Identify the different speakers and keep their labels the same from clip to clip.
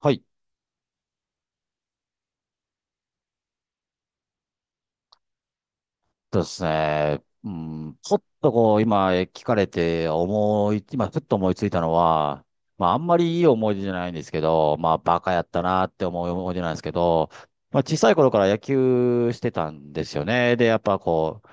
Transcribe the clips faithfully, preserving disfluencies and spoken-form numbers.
Speaker 1: はい。そうですね。うん、ちょっとこう、今聞かれて思い、今ふっと思いついたのは、まああんまりいい思い出じゃないんですけど、まあバカやったなって思う思い出なんですけど、まあ小さい頃から野球してたんですよね。で、やっぱこう、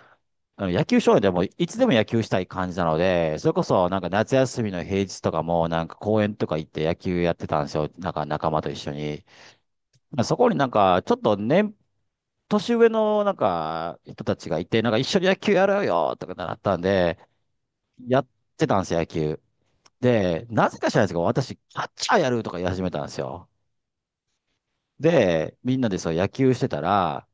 Speaker 1: あの野球少年でもいつでも野球したい感じなので、それこそなんか夏休みの平日とかもなんか公園とか行って野球やってたんですよ。なんか仲間と一緒に。まあそこになんかちょっと年年上のなんか人たちがいて、なんか一緒に野球やろうよとかなったんで、やってたんですよ、野球。で、なぜか知らないですけど、私、キャッチャーやるとか言い始めたんですよ。で、みんなでそう野球してたら、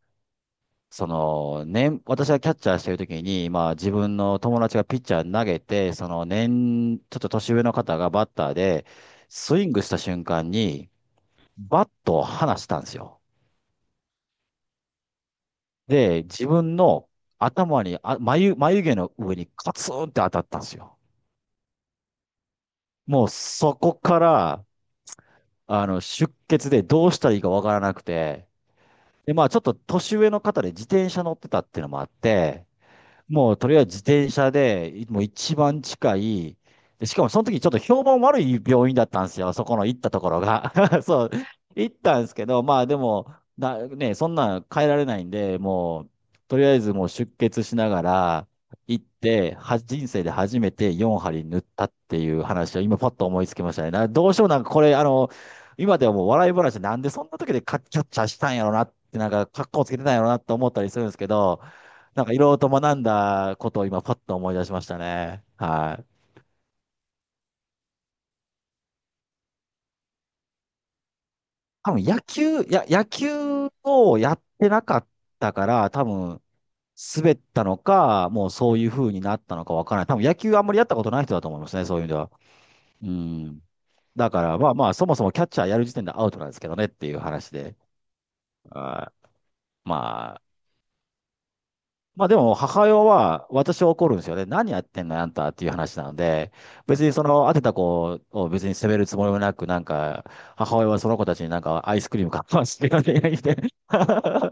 Speaker 1: その、年、私がキャッチャーしてる時に、まあ自分の友達がピッチャー投げて、その年、ちょっと年上の方がバッターで、スイングした瞬間に、バットを離したんですよ。で、自分の頭に、あ、眉、眉毛の上にカツンって当たったんですよ。もうそこから、あの、出血でどうしたらいいかわからなくて、で、まあちょっと年上の方で自転車乗ってたっていうのもあって、もうとりあえず自転車で、いもう一番近い、で、しかもその時ちょっと評判悪い病院だったんですよ、そこの行ったところが。そう、行ったんですけど、まあでも、な、ね、そんなん変えられないんで、もう、とりあえずもう出血しながら行って、は、人生で初めてよんはり縫ったっていう話を今パッと思いつきましたね。な、どうしてもなんかこれ、あの、今ではもう笑い話でなんでそんな時でカッキャッチャしたんやろなって、なんか格好つけてたんやろなって思ったりするんですけど、なんかいろいろと学んだことを今パッと思い出しましたね。はい。多分野球、や、野球をやってなかったから、多分滑ったのか、もうそういう風になったのかわからない。多分野球あんまりやったことない人だと思いますね、そういう意味では。うん。だからまあまあ、そもそもキャッチャーやる時点でアウトなんですけどねっていう話で。あーまあ、まあでも、母親は、私は怒るんですよね。何やってんのよあんたっていう話なので、別にその、当てた子を別に責めるつもりもなく、なんか、母親はその子たちになんかアイスクリーム買わしてよね、言う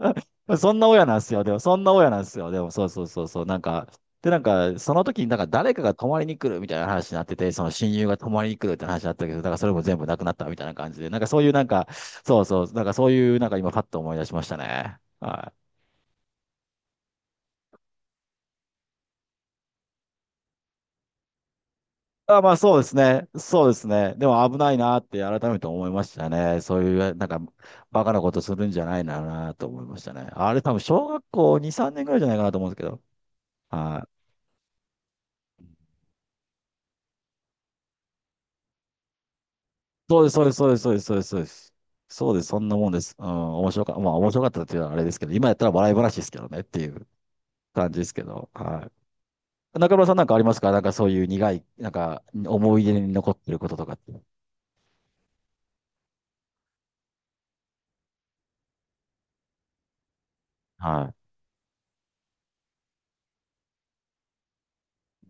Speaker 1: て そんな親なんですよ。でも、そんな親なんですよ。でも、そうそうそうそう。なんか、で、なんか、その時になんか誰かが泊まりに来るみたいな話になってて、その親友が泊まりに来るって話になったけど、だからそれも全部なくなったみたいな感じで、なんかそういうなんか、そうそう、なんかそういうなんか今パッと思い出しましたね。はい。あ、まあそうですね。そうですね。でも危ないなって改めて思いましたね。そういう、なんか、バカなことするんじゃないななと思いましたね。あれ多分小学校に、さんねんぐらいじゃないかなと思うんですけど。はい。そうです、そうです、そうです、そうです、そうです。そうです、そうですそんなもんです。うん、面白か、まあ面白かったっていうのはあれですけど、今やったら笑い話ですけどねっていう感じですけど。はい。中村さんなんかありますか、なんかそういう苦い、なんか思い出に残ってることとかって。はい。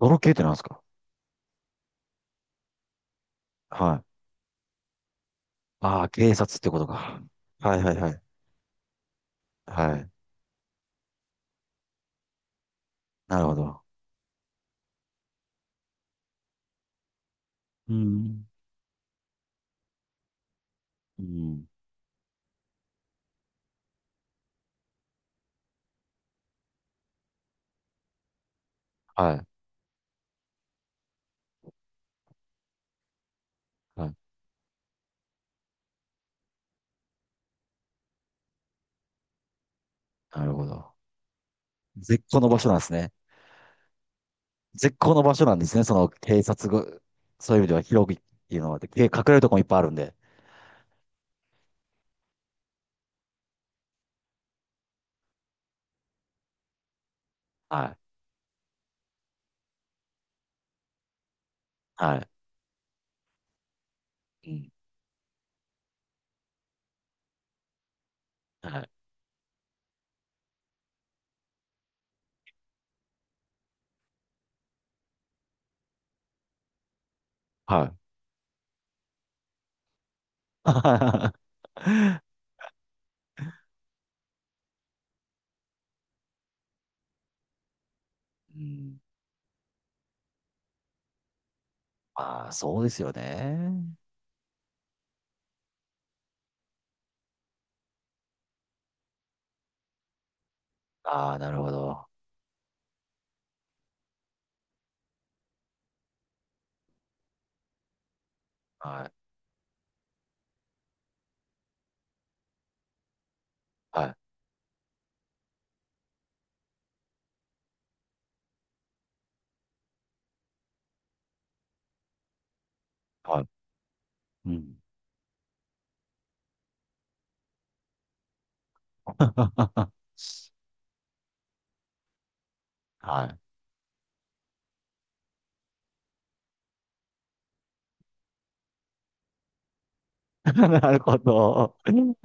Speaker 1: 泥系ってなんですか。はい。ああ、警察ってことか。はいはいはい。はい。なるほど。うん。うん。はい。はい。なるほど。絶好の場所なんですね。絶好の場所なんですね。その警察が、そういう意味では広くっていうのは、で、隠れるとこもいっぱいあるんで。はい。はい。うん。はい。はい。うん。ああ、そうですよね。ああ、なるほど。はい。はい。はい。うん。はい。なるほど。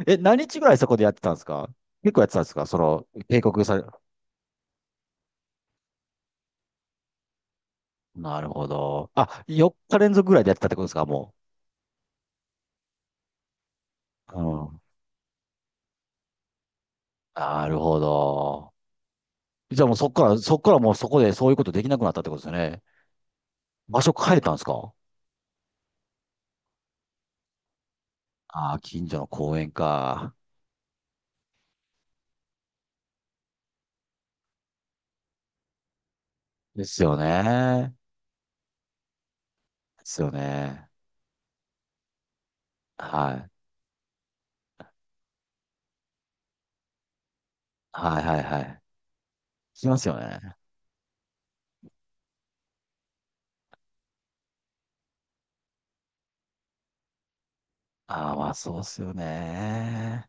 Speaker 1: え、何日ぐらいそこでやってたんですか？結構やってたんですか、その、警告され、なるほど。あ、よっか連続ぐらいでやってたってことですか、もう。うん。なるほど。じゃあもうそっから、そっからもうそこでそういうことできなくなったってことですよね。場所変えたんですか。ああー、近所の公園か。ですよね。ですよね。はい。はいはいはい。聞きますよね。ああ、まあそうですよね。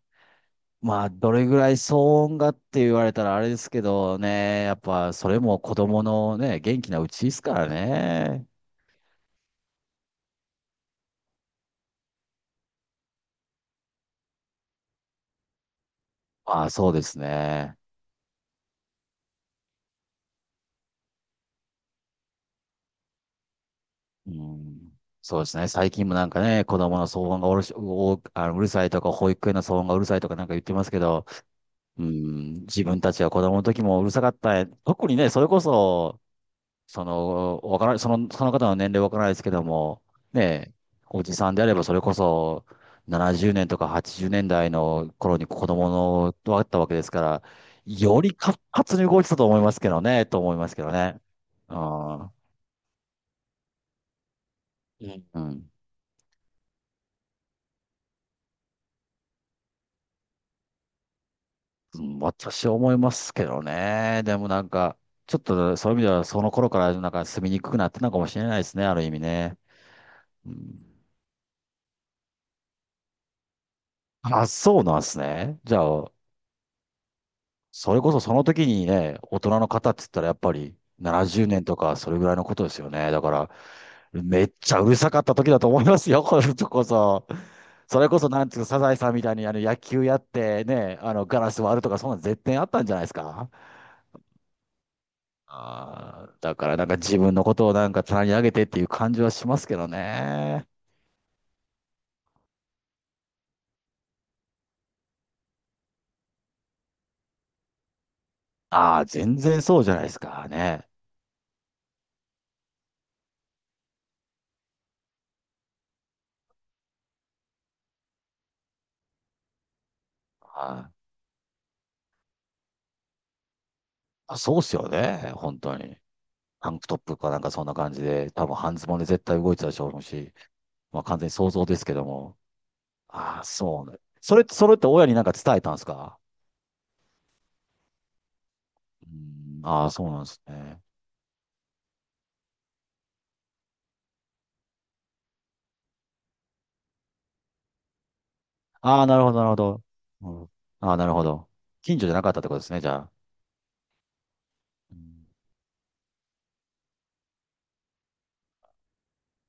Speaker 1: まあ、どれぐらい騒音がって言われたらあれですけどね、やっぱそれも子供のね、元気なうちですからね。まあ、そうですね。うん、そうですね。最近もなんかね、子供の騒音がうるし、お、あの、うるさいとか、保育園の騒音がうるさいとかなんか言ってますけど、うん、自分たちは子供の時もうるさかった。特にね、それこそ、その、わからない、その、その方の年齢わからないですけども、ねえ、おじさんであればそれこそななじゅうねんとかはちじゅうねんだいの頃に子供の、だったわけですから、より活発に動いてたと思いますけどね、と思いますけどね。うん。うん。うん、私は思いますけどね。でもなんか、ちょっとそういう意味ではその頃からなんか住みにくくなってたのかもしれないですね、ある意味ね。うん、あ、そうなんですね。じゃあ、それこそその時にね、大人の方って言ったらやっぱりななじゅうねんとかそれぐらいのことですよね。だから、めっちゃうるさかった時だと思いますよ、これこそ。それこそなんつうか、サザエさんみたいにあの野球やってね、あのガラス割るとかそんなの絶対あったんじゃないですか。あーだからなんか自分のことをなんか棚に上げてっていう感じはしますけどね。ああ、全然そうじゃないですかね。はい。あ、そうっすよね、本当に。タンクトップかなんかそんな感じで、多分半ズボンで絶対動いてたでしょうし。まあ完全に想像ですけども。ああ、そうね。それ、それって親になんか伝えたんですか？うん、ああ、そうなんですね。ああ、なるほど、なるほど。うん、ああ、なるほど。近所じゃなかったってことですね、じゃあ。うん、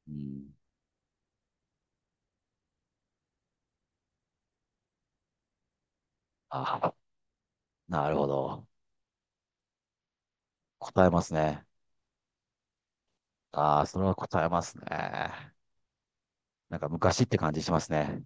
Speaker 1: うん、ああ、なるほど。答えますね。ああ、それは答えますね。なんか昔って感じしますね。